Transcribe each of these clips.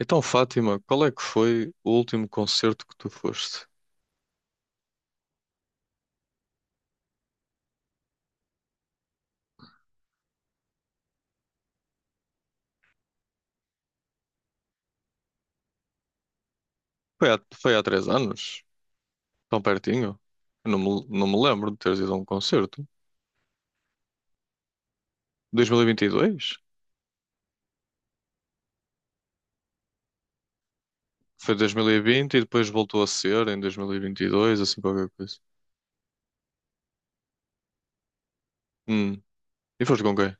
Então, Fátima, qual é que foi o último concerto que tu foste? Foi há 3 anos? Tão pertinho? Eu não me lembro de teres ido a um concerto. 2022? Foi 2020 e vinte e depois voltou a ser em 2022, assim qualquer coisa. Hum. E foste com quem?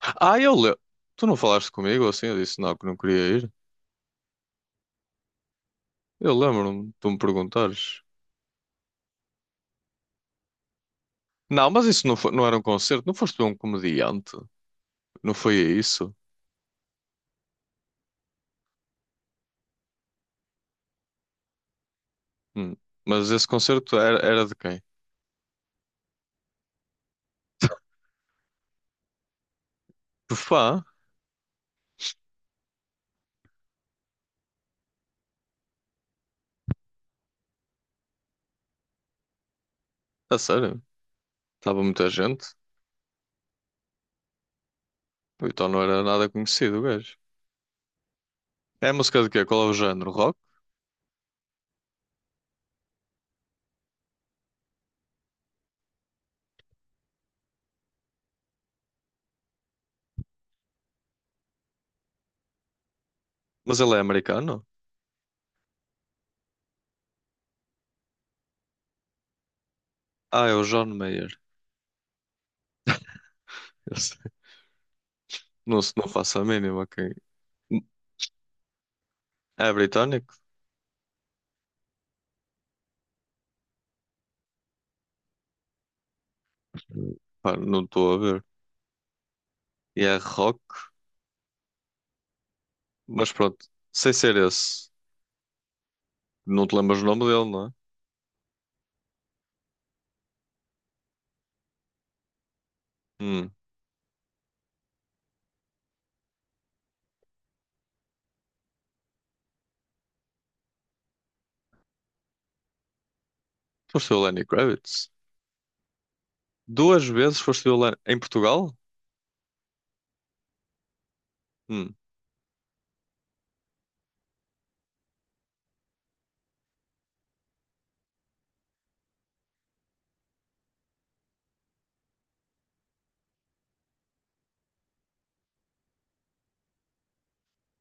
Ah, eu lembro. Tu não falaste comigo assim? Eu disse não, que não queria ir. Eu lembro-me de tu me perguntares. Não, mas isso não, foi, não era um concerto. Não foste um comediante? Não foi isso? Hum. Mas esse concerto era de quem? Fá? A sério? Estava muita gente? O Então não era nada conhecido, o gajo. É música de quê? Qual é o género? Rock? Mas ele é americano? Ah, é o John Mayer. Eu sei. Não, não faço a mínima. Quem. É britânico? Pá, não estou a ver. E é rock? Mas pronto, sem ser esse. Não te lembras o nome dele, não é? Hum. Foste ver o Lenny Kravitz? Duas vezes foste ver o Lenny, em Portugal? Hum.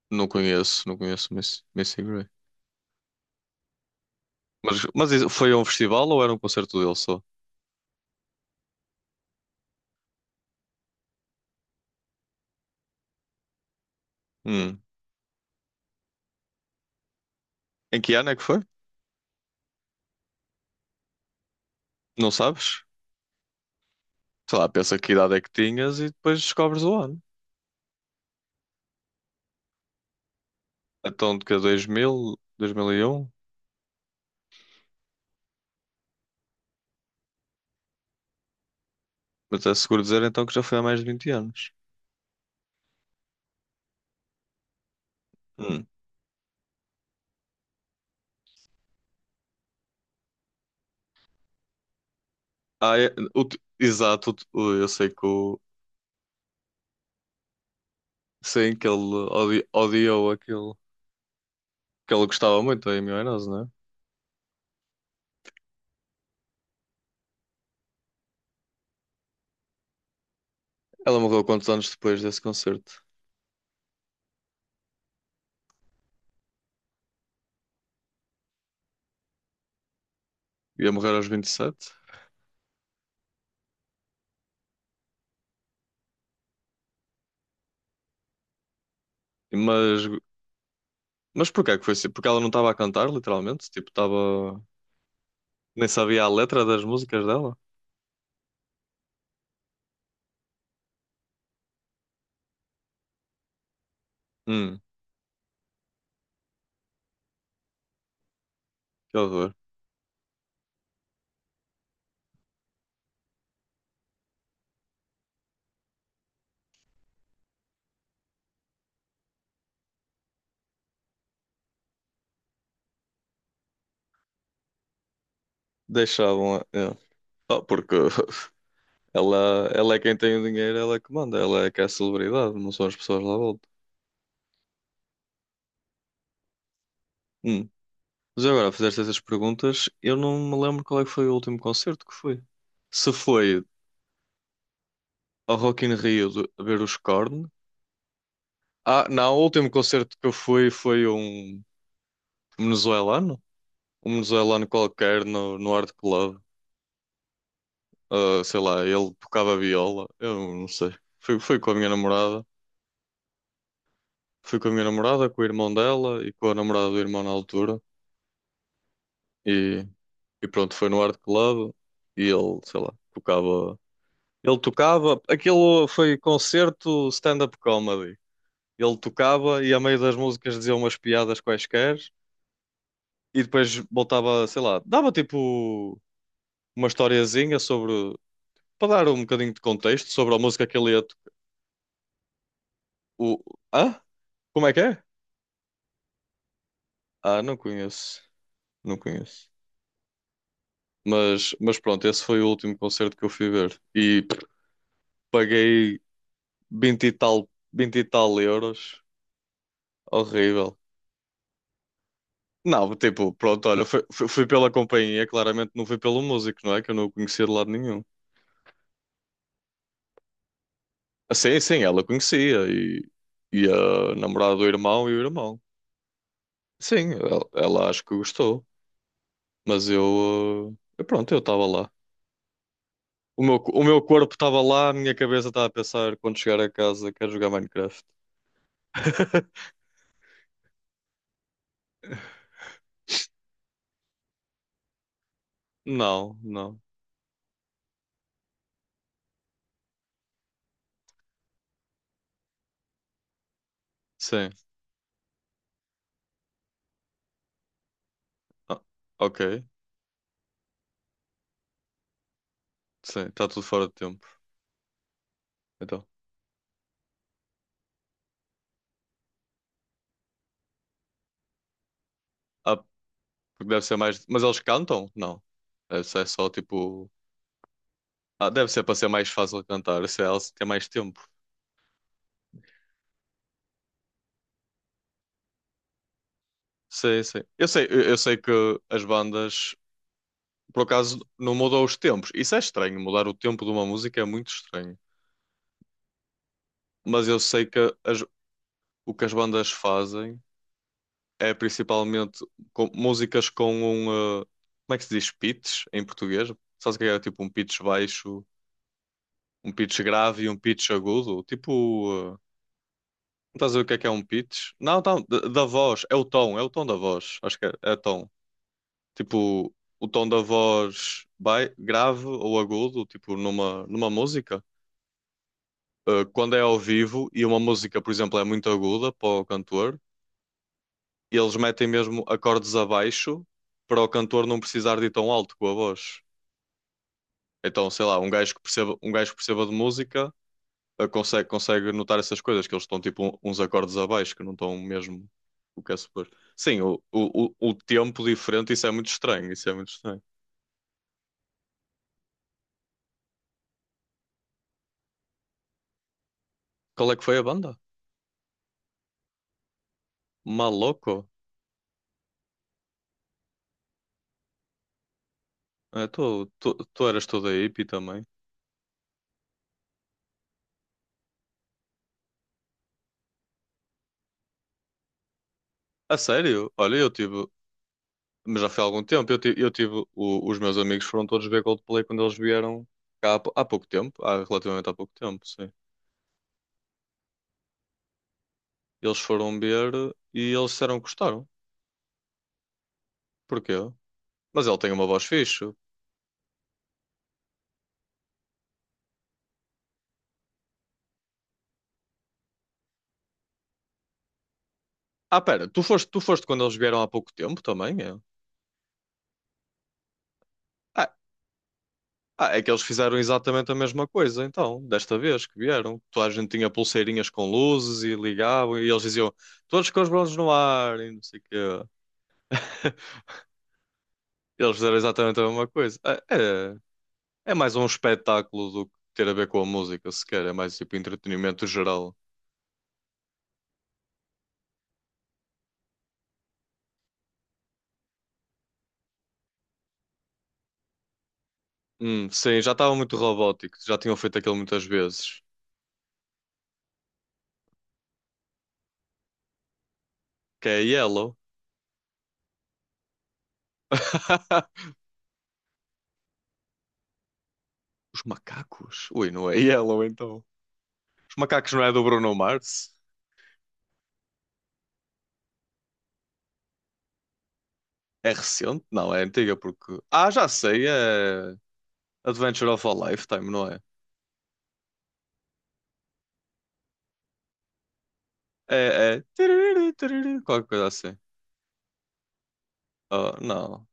Não conheço, Missy Gray. Mas isso foi a um festival ou era um concerto dele só? Hum. Em que ano é que foi? Não sabes? Sei lá, pensa que idade é que tinhas e depois descobres o ano. Então, de que é 2000, 2001. Mas é seguro dizer então que já foi há mais de 20 anos. Hum. Ah, é, exato, eu sei que o, sei que ele odiou aquilo que ele gostava muito, a Amy Winehouse, não é? Ela morreu quantos anos depois desse concerto? Ia morrer aos 27. Mas, mas porquê é que foi assim? Porque ela não estava a cantar, literalmente? Tipo, estava. Nem sabia a letra das músicas dela? Hum, que horror. Deixavam. Ah, porque ela é quem tem o dinheiro, ela é que manda, ela é que é a celebridade, não são as pessoas lá à volta. Hum. Mas agora, fizeste essas perguntas, eu não me lembro qual é que foi o último concerto que foi. Se foi ao Rock in Rio a ver os Korn. Ah, não, o último concerto que eu fui foi venezuelano, um venezuelano qualquer no Art Club. Ah, sei lá, ele tocava viola, eu não sei. Fui com a minha namorada, com o irmão dela e com a namorada do irmão na altura. E pronto, foi no Art Club e ele, sei lá, tocava. Ele tocava. Aquilo foi concerto stand-up comedy. Ele tocava e a meio das músicas dizia umas piadas quaisquer e depois voltava, sei lá, dava tipo uma historiazinha sobre. Para dar um bocadinho de contexto sobre a música que ele ia. O... Ah? Como é que é? Ah, não conheço. Não conheço. Mas pronto, esse foi o último concerto que eu fui ver. E paguei 20 e tal, 20 e tal euros. Horrível. Não, tipo, pronto, olha, foi, fui pela companhia, claramente não fui pelo músico, não é? Que eu não o conhecia de lado nenhum. Ah, sim, sim, ela conhecia e a namorada do irmão e o irmão. Sim, ela acho que gostou, mas eu, eu, pronto, eu estava lá. O meu, o meu corpo estava lá, a minha cabeça estava a pensar quando chegar a casa, quero jogar Minecraft. Não, não. Sim. Ah, ok. Sim, está tudo fora de tempo. Então. ah, Porque deve ser mais. Mas eles cantam? Não. Deve ser só tipo. Ah, deve ser para ser mais fácil cantar. Se elas têm mais tempo. Sei, sei. Eu sei, eu sei que as bandas, por acaso, não mudam os tempos. Isso é estranho. Mudar o tempo de uma música é muito estranho. Mas eu sei que as- o que as bandas fazem é principalmente músicas com um. Como é que se diz? Pitch em português? Sabes o que é? Tipo um pitch baixo, um pitch grave e um pitch agudo. Tipo. Estás a ver o que é um pitch? Não, não, da voz, é o tom da voz, acho que é, é tom. Tipo, o tom da voz grave ou agudo, tipo, numa música. Quando é ao vivo e uma música, por exemplo, é muito aguda para o cantor, eles metem mesmo acordes abaixo para o cantor não precisar de ir tão alto com a voz. Então, sei lá, um gajo que perceba, um gajo que perceba de música, consegue, consegue notar essas coisas, que eles estão tipo uns acordes abaixo, que não estão mesmo o que é suposto. Sim, o tempo diferente, isso é muito estranho, isso é muito estranho. Qual é que foi a banda? Maloco? É, tu eras toda hippie também. A sério? Olha, eu tive, mas já foi há algum tempo, os meus amigos foram todos ver Coldplay quando eles vieram cá há pouco tempo, há relativamente há pouco tempo, sim. Eles foram ver e eles disseram que gostaram. Porquê? Mas ele tem uma voz fixe. Ah, pera, tu foste quando eles vieram há pouco tempo também? É? Ah, ah, é que eles fizeram exatamente a mesma coisa, então, desta vez que vieram. Toda a gente tinha pulseirinhas com luzes e ligavam e eles diziam todos com os bronzes no ar e não sei o quê. Eles fizeram exatamente a mesma coisa. Ah, é, é mais um espetáculo do que ter a ver com a música, sequer. É mais tipo entretenimento geral. Sim, já estava muito robótico, já tinham feito aquilo muitas vezes. Que é Yellow. Os macacos? Ui, não é Yellow então. Os Macacos não é do Bruno Mars? É recente? Não, é antiga porque. Ah, já sei, é Adventure of a Lifetime, não é? É, é. Tiriri, tiriri, qualquer coisa assim. Oh, não,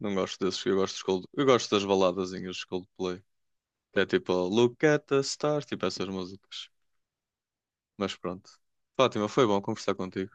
não gosto desses. Eu gosto, eu gosto das baladazinhas de Coldplay. Que é tipo Look at the Stars, tipo essas músicas. Mas pronto. Fátima, foi bom conversar contigo.